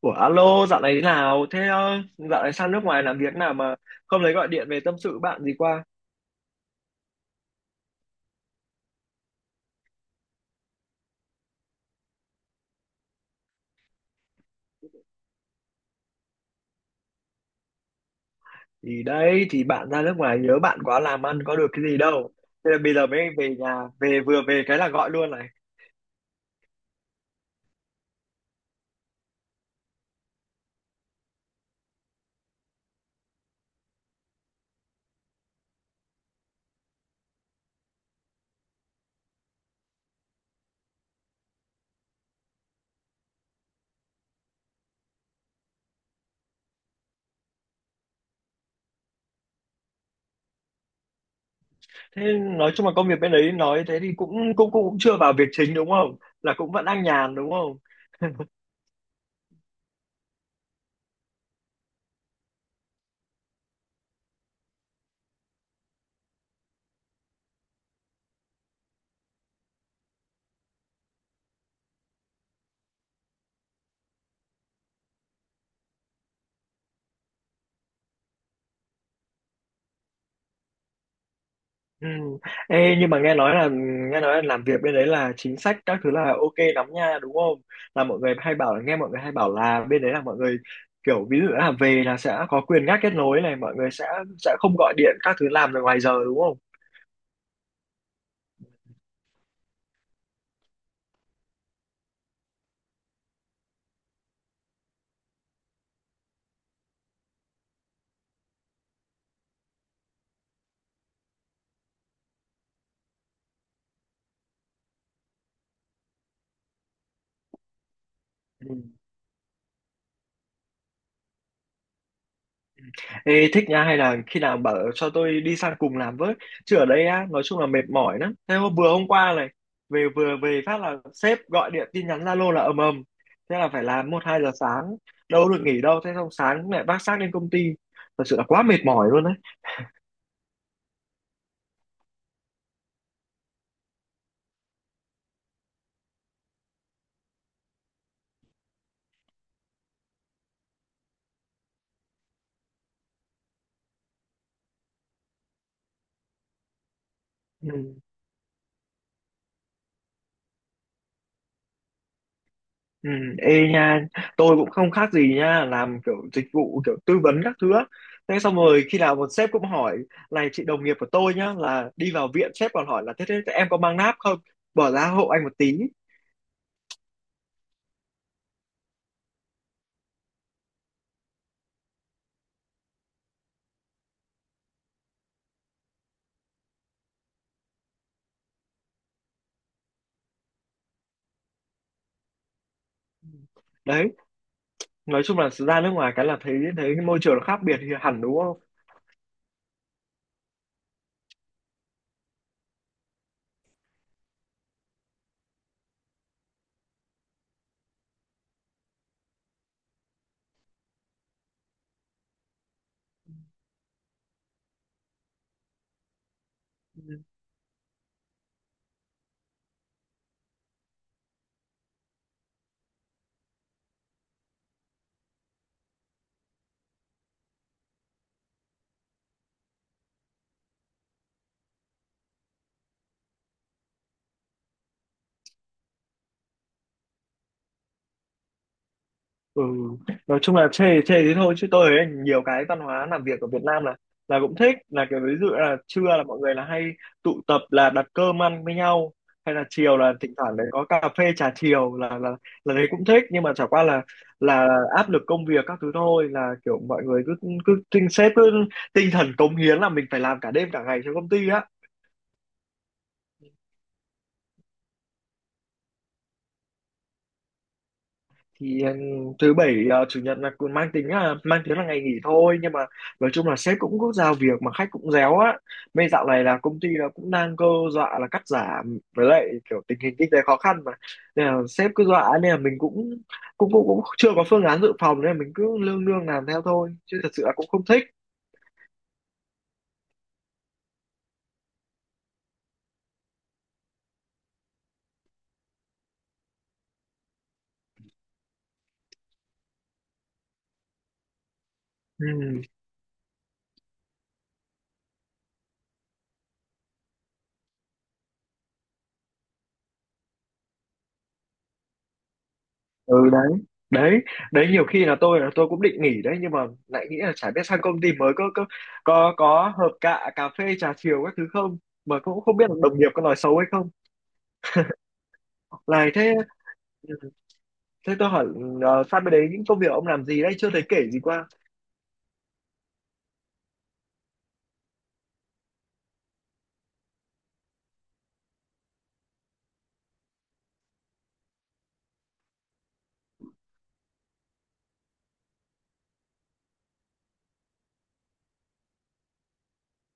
Ủa alo, dạo này thế nào? Thế dạo này sang nước ngoài làm việc nào mà không lấy gọi điện về tâm sự bạn gì qua? Thì đấy, thì bạn ra nước ngoài nhớ bạn quá làm ăn có được cái gì đâu. Thế là bây giờ mới về nhà, vừa về cái là gọi luôn này. Thế nói chung là công việc bên đấy nói thế thì cũng chưa vào việc chính đúng không? Là cũng vẫn đang nhàn đúng không? Ừ. Ê, nhưng mà nghe nói là làm việc bên đấy là chính sách các thứ là ok lắm nha đúng không? Là mọi người hay bảo là nghe mọi người hay bảo là bên đấy là mọi người kiểu ví dụ là về là sẽ có quyền ngắt kết nối này mọi người sẽ không gọi điện các thứ làm được ngoài giờ đúng không? Ừ. Ê, thích nha hay là khi nào bảo cho tôi đi sang cùng làm với, chứ ở đây á nói chung là mệt mỏi lắm. Thế hôm qua này, vừa về phát là sếp gọi điện tin nhắn Zalo là ầm ầm, thế là phải làm một hai giờ sáng, đâu được nghỉ đâu. Thế xong sáng mẹ vác xác lên công ty, thật sự là quá mệt mỏi luôn đấy. Ừ. Ừ. Ê nha, tôi cũng không khác gì nha, làm kiểu dịch vụ kiểu tư vấn các thứ á. Thế xong rồi khi nào một sếp cũng hỏi, này chị đồng nghiệp của tôi nhá là đi vào viện sếp còn hỏi là thế em có mang náp không, bỏ ra hộ anh một tí. Đấy, nói chung là ra nước ngoài cái là thấy thấy môi trường nó khác biệt thì hẳn đúng không. Ừ, nói chung là chê chê thế thôi chứ tôi thấy nhiều cái văn hóa làm việc ở Việt Nam là cũng thích, là kiểu ví dụ là trưa là mọi người là hay tụ tập là đặt cơm ăn với nhau, hay là chiều là thỉnh thoảng đấy có cà phê trà chiều là là đấy cũng thích, nhưng mà chả qua là áp lực công việc các thứ thôi, là kiểu mọi người cứ cứ tinh sếp cứ tinh thần cống hiến là mình phải làm cả đêm cả ngày cho công ty á. Thì ừ, thứ bảy chủ nhật là cũng mang tính là mang tiếng là ngày nghỉ thôi, nhưng mà nói chung là sếp cũng có giao việc mà khách cũng réo á. Mấy dạo này là công ty là cũng đang cơ dọa là cắt giảm với lại kiểu tình hình kinh tế khó khăn mà, nên là sếp cứ dọa nên là mình cũng chưa có phương án dự phòng, nên là mình cứ lương lương làm theo thôi chứ thật sự là cũng không thích. Ừ. Ừ đấy, đấy đấy nhiều khi là tôi cũng định nghỉ đấy, nhưng mà lại nghĩ là chả biết sang công ty mới có hợp cạ cà phê trà chiều các thứ không, mà cũng không biết là đồng nghiệp có nói xấu hay không. Này thế ừ, thế tôi hỏi sang bên đấy những công việc ông làm gì đấy chưa thấy kể gì qua.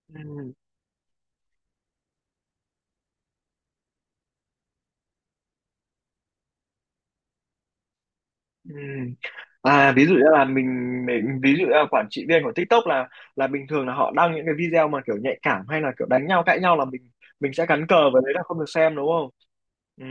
Ừ, ừ. À ví dụ như là mình ví dụ như là quản trị viên của TikTok là bình thường là họ đăng những cái video mà kiểu nhạy cảm hay là kiểu đánh nhau cãi nhau là mình sẽ cắn cờ với đấy là không được xem đúng không. Ừ.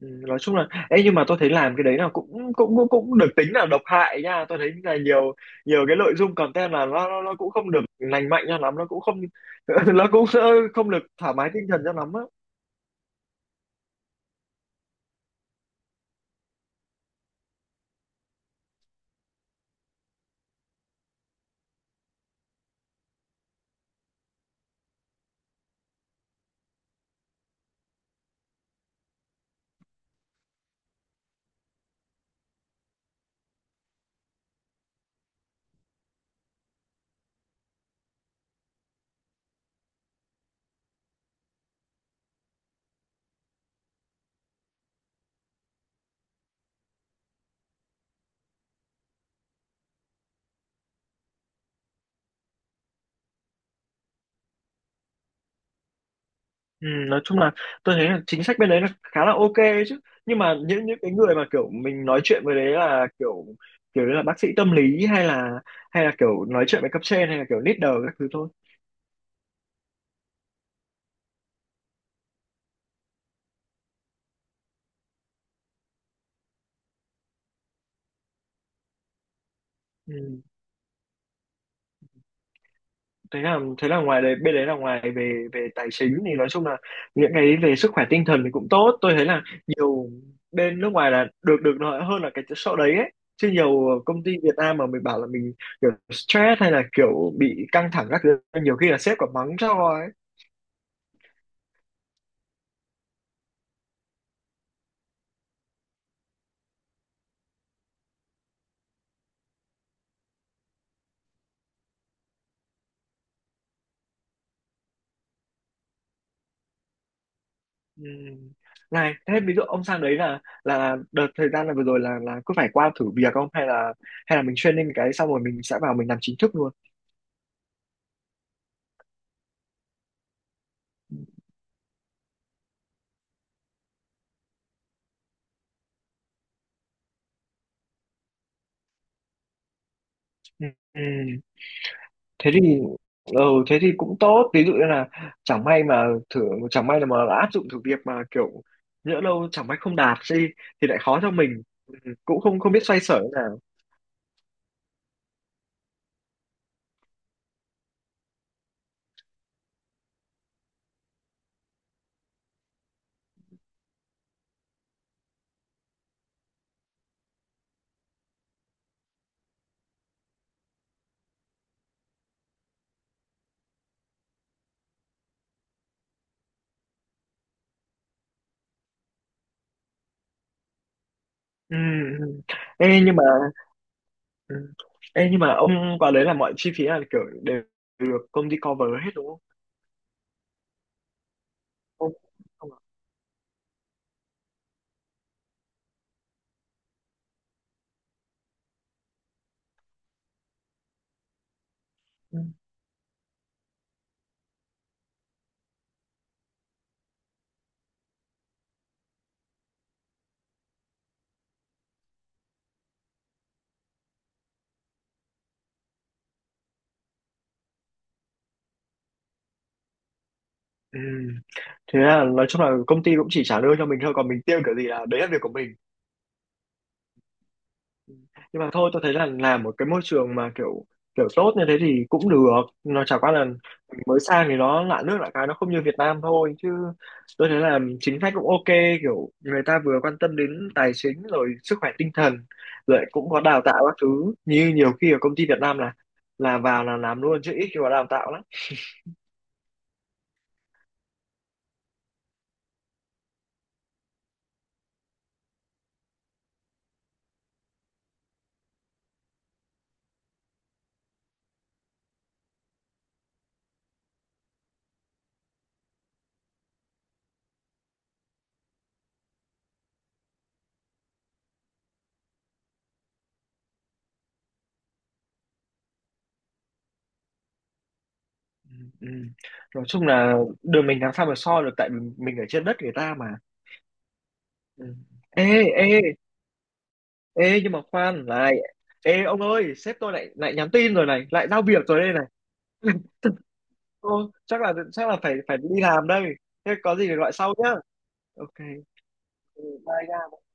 Ừ, nói chung là ấy nhưng mà tôi thấy làm cái đấy là cũng cũng cũng cũng được tính là độc hại nha, tôi thấy là nhiều nhiều cái nội dung content là nó cũng không được lành mạnh cho lắm, nó cũng không nó cũng sẽ không được thoải mái tinh thần cho lắm á. Ừ, nói chung là tôi thấy là chính sách bên đấy là khá là ok ấy chứ, nhưng mà những cái người mà kiểu mình nói chuyện với đấy là kiểu kiểu như là bác sĩ tâm lý hay là kiểu nói chuyện với cấp trên hay là kiểu leader các thứ thôi. Ừ. Thế là ngoài đấy bên đấy là ngoài về về tài chính thì nói chung là những cái về sức khỏe tinh thần thì cũng tốt, tôi thấy là nhiều bên nước ngoài là được được nói hơn là cái chỗ đấy ấy chứ, nhiều công ty Việt Nam mà mình bảo là mình kiểu stress hay là kiểu bị căng thẳng các thứ nhiều khi là sếp còn mắng cho ấy. Ừ. Này thế ví dụ ông sang đấy là đợt thời gian là vừa rồi là cứ phải qua thử việc không, hay là hay là mình training cái xong rồi mình sẽ vào mình làm chính thức luôn. Ừ. Thế thì ừ, thế thì cũng tốt, ví dụ như là chẳng may mà thử, chẳng may là mà áp dụng thử việc mà kiểu nhỡ đâu chẳng may không đạt đi thì lại khó cho mình. Ừ, cũng không không biết xoay sở thế nào. Ừ. Ừ. Ê, nhưng mà ừ. Ê, nhưng mà ông vào đấy là mọi chi phí là kiểu đều được công ty cover hết đúng không. Không- không ạ. Ừ. Ừ. Thế là nói chung là công ty cũng chỉ trả lương cho mình thôi còn mình tiêu kiểu gì là đấy là việc của mình. Nhưng mà thôi tôi thấy là làm một cái môi trường mà kiểu kiểu tốt như thế thì cũng được, nó chả qua là mình mới sang thì nó lạ nước lạ cái nó không như Việt Nam thôi chứ, tôi thấy là chính sách cũng ok, kiểu người ta vừa quan tâm đến tài chính rồi sức khỏe tinh thần rồi cũng có đào tạo các thứ, như nhiều khi ở công ty Việt Nam là vào là làm luôn chứ ít khi có đào tạo lắm. Ừ. Ừ. Nói chung là đường mình làm sao mà so được, tại vì mình ở trên đất người ta mà. Ừ. Ê ê, Ê nhưng mà khoan này, Ê ông ơi sếp tôi lại lại nhắn tin rồi này, lại giao việc rồi đây này. Ô, chắc là phải phải đi làm đây. Thế có gì thì gọi sau nhá. Ok. Ừ, bye nha.